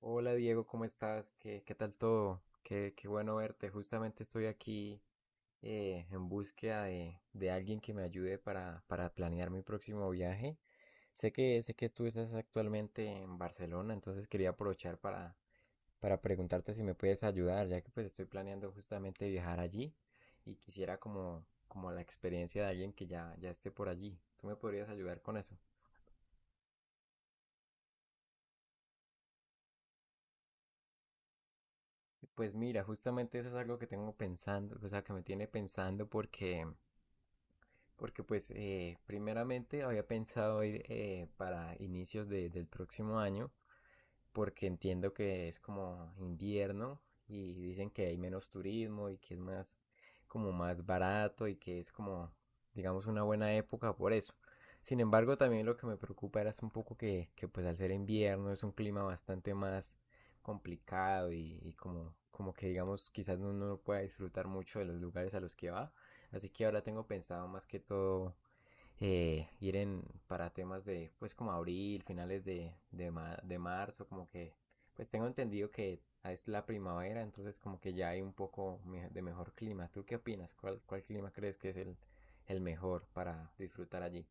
Hola Diego, ¿cómo estás? ¿Qué tal todo? Qué bueno verte. Justamente estoy aquí en búsqueda de alguien que me ayude para planear mi próximo viaje. Sé que tú estás actualmente en Barcelona, entonces quería aprovechar para preguntarte si me puedes ayudar, ya que pues estoy planeando justamente viajar allí y quisiera como la experiencia de alguien que ya esté por allí. ¿Tú me podrías ayudar con eso? Pues mira, justamente eso es algo que tengo pensando, o sea, que me tiene pensando porque pues primeramente había pensado ir para inicios del próximo año, porque entiendo que es como invierno y dicen que hay menos turismo y que es más como más barato y que es como digamos una buena época por eso. Sin embargo, también lo que me preocupa era es un poco que, pues al ser invierno es un clima bastante más complicado y como que digamos quizás uno no pueda disfrutar mucho de los lugares a los que va. Así que ahora tengo pensado más que todo ir para temas de, pues como abril, finales de marzo, como que, pues tengo entendido que es la primavera, entonces como que ya hay un poco de mejor clima. ¿Tú qué opinas? ¿Cuál clima crees que es el mejor para disfrutar allí?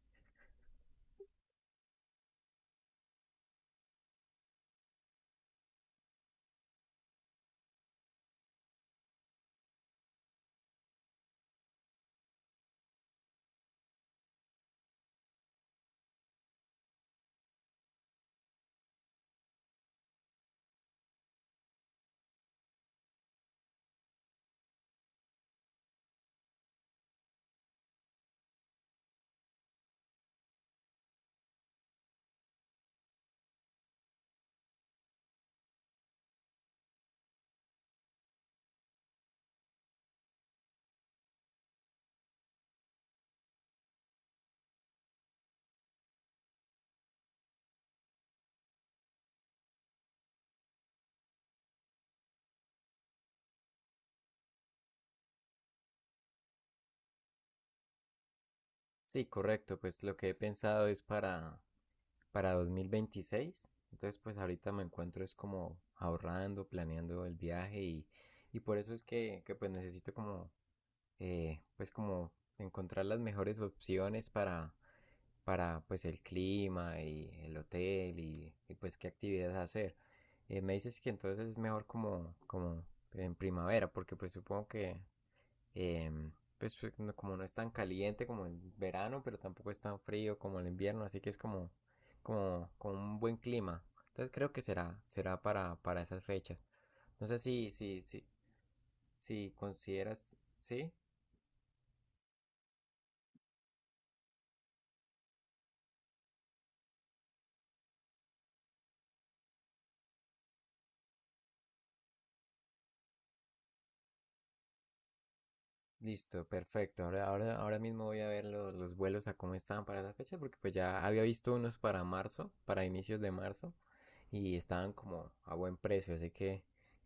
Sí, correcto, pues lo que he pensado es para, 2026. Entonces, pues ahorita me encuentro es como ahorrando, planeando el viaje y por eso es que pues necesito como pues como encontrar las mejores opciones para pues el clima y el hotel y pues qué actividades hacer. Me dices que entonces es mejor como en primavera, porque pues supongo que em, pues como no es tan caliente como el verano, pero tampoco es tan frío como el invierno, así que es como un buen clima. Entonces creo que será para esas fechas. No sé si consideras, ¿sí? Listo, perfecto. Ahora mismo voy a ver los vuelos a cómo estaban para esa fecha, porque pues ya había visto unos para marzo, para inicios de marzo, y estaban como a buen precio, así que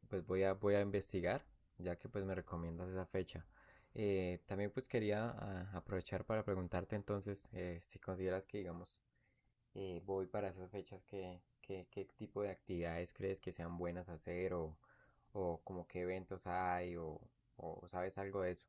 pues voy a investigar, ya que pues me recomiendas esa fecha. También pues quería aprovechar para preguntarte entonces si consideras que digamos voy para esas fechas, qué tipo de actividades crees que sean buenas hacer o como qué eventos hay o sabes algo de eso.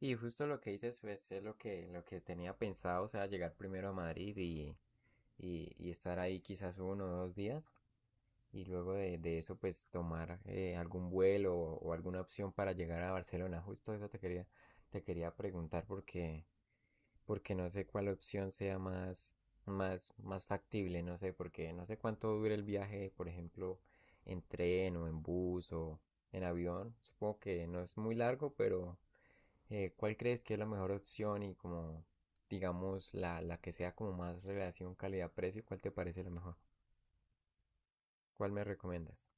Sí, justo lo que dices pues, es lo que tenía pensado, o sea, llegar primero a Madrid y estar ahí quizás uno o dos días y luego de eso pues tomar algún vuelo o alguna opción para llegar a Barcelona. Justo eso te quería preguntar porque, no sé cuál opción sea más factible, no sé, porque no sé cuánto dura el viaje, por ejemplo, en tren o en bus o en avión. Supongo que no es muy largo, pero ¿cuál crees que es la mejor opción y como, digamos, la que sea como más relación calidad-precio, cuál te parece la mejor? ¿Cuál me recomiendas?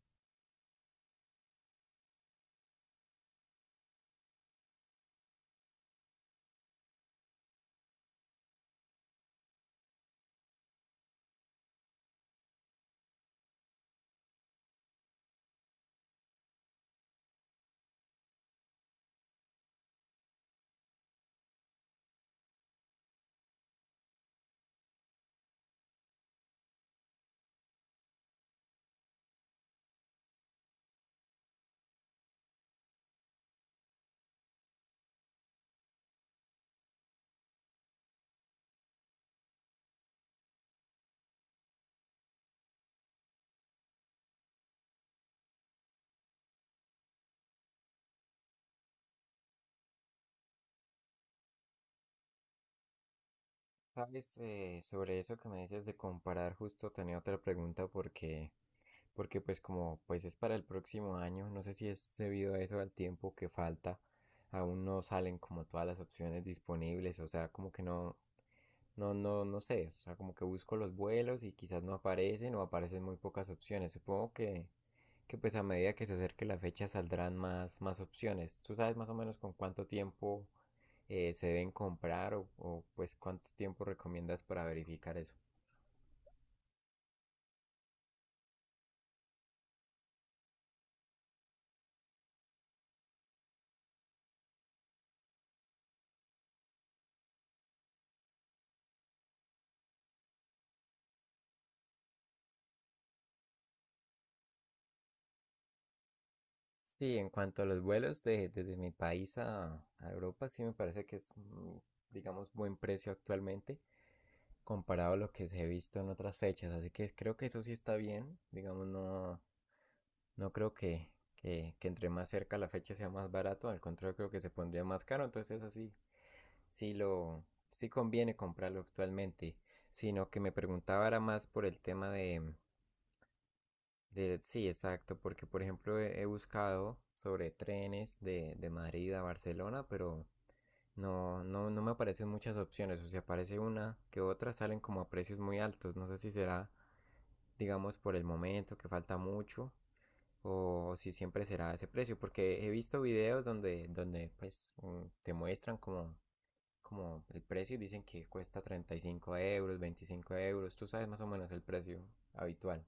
Sabes, sobre eso que me dices de comparar, justo tenía otra pregunta porque, pues como pues es para el próximo año, no sé si es debido a eso al tiempo que falta, aún no salen como todas las opciones disponibles, o sea, como que no. No, no, no sé, o sea, como que busco los vuelos y quizás no aparecen o aparecen muy pocas opciones. Supongo que pues a medida que se acerque la fecha saldrán más opciones. ¿Tú sabes más o menos con cuánto tiempo se deben comprar o, pues cuánto tiempo recomiendas para verificar eso? Sí, en cuanto a los vuelos desde mi país a Europa, sí me parece que es, digamos, buen precio actualmente comparado a lo que se ha visto en otras fechas. Así que creo que eso sí está bien, digamos, no. No creo que entre más cerca la fecha sea más barato, al contrario creo que se pondría más caro, entonces eso sí lo, sí conviene comprarlo actualmente, sino que me preguntaba era más por el tema de. Sí, exacto. Porque por ejemplo he buscado sobre trenes de Madrid a Barcelona, pero no, no, no me aparecen muchas opciones, o sea, aparece una que otras salen como a precios muy altos, no sé si será, digamos, por el momento que falta mucho o si siempre será ese precio, porque he visto videos donde pues te muestran como el precio y dicen que cuesta 35 euros, 25 euros, tú sabes más o menos el precio habitual.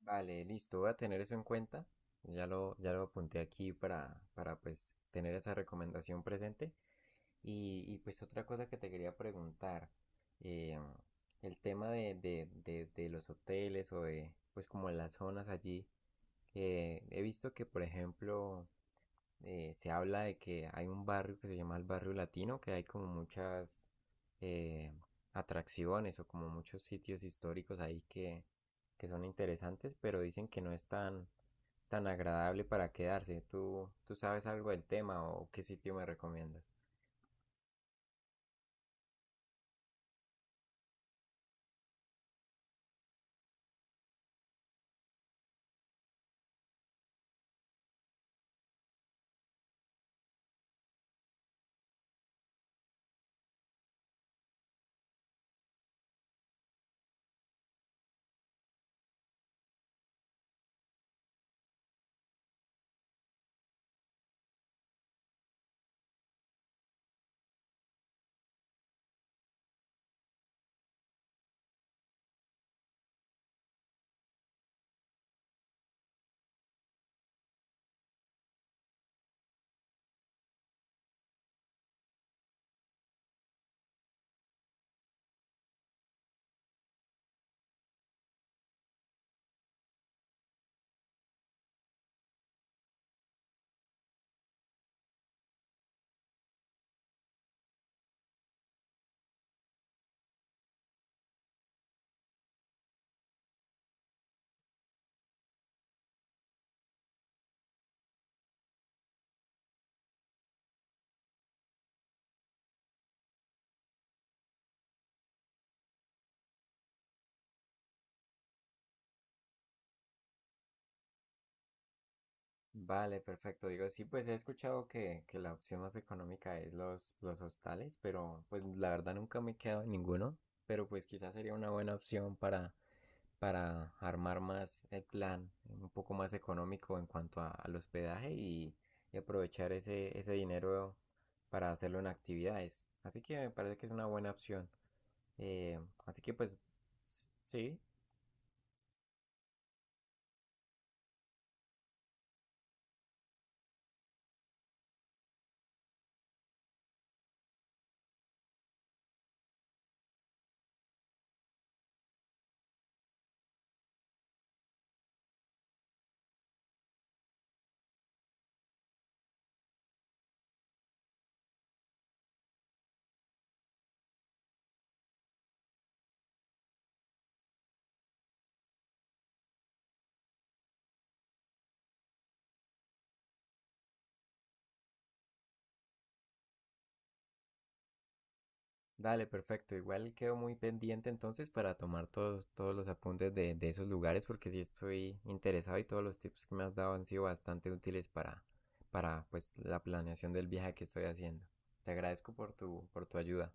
Vale, listo, voy a tener eso en cuenta, ya lo apunté aquí para pues tener esa recomendación presente. Y pues otra cosa que te quería preguntar, eh, el tema de los hoteles o de pues como las zonas allí. He visto que, por ejemplo, se habla de que hay un barrio que se llama el barrio latino, que hay como muchas eh, atracciones o como muchos sitios históricos ahí que son interesantes, pero dicen que no es tan agradable para quedarse. ¿Tú sabes algo del tema o qué sitio me recomiendas? Vale, perfecto. Digo, sí, pues he escuchado que la opción más económica es los hostales, pero pues la verdad nunca me he quedado en ninguno, pero pues quizás sería una buena opción para armar más el plan, un poco más económico en cuanto al hospedaje y aprovechar ese dinero para hacerlo en actividades. Así que me parece que es una buena opción. Eh, así que pues sí, dale, perfecto. Igual quedo muy pendiente entonces para tomar todos los apuntes de esos lugares porque sí estoy interesado y todos los tips que me has dado han sido bastante útiles para pues la planeación del viaje que estoy haciendo. Te agradezco por tu ayuda.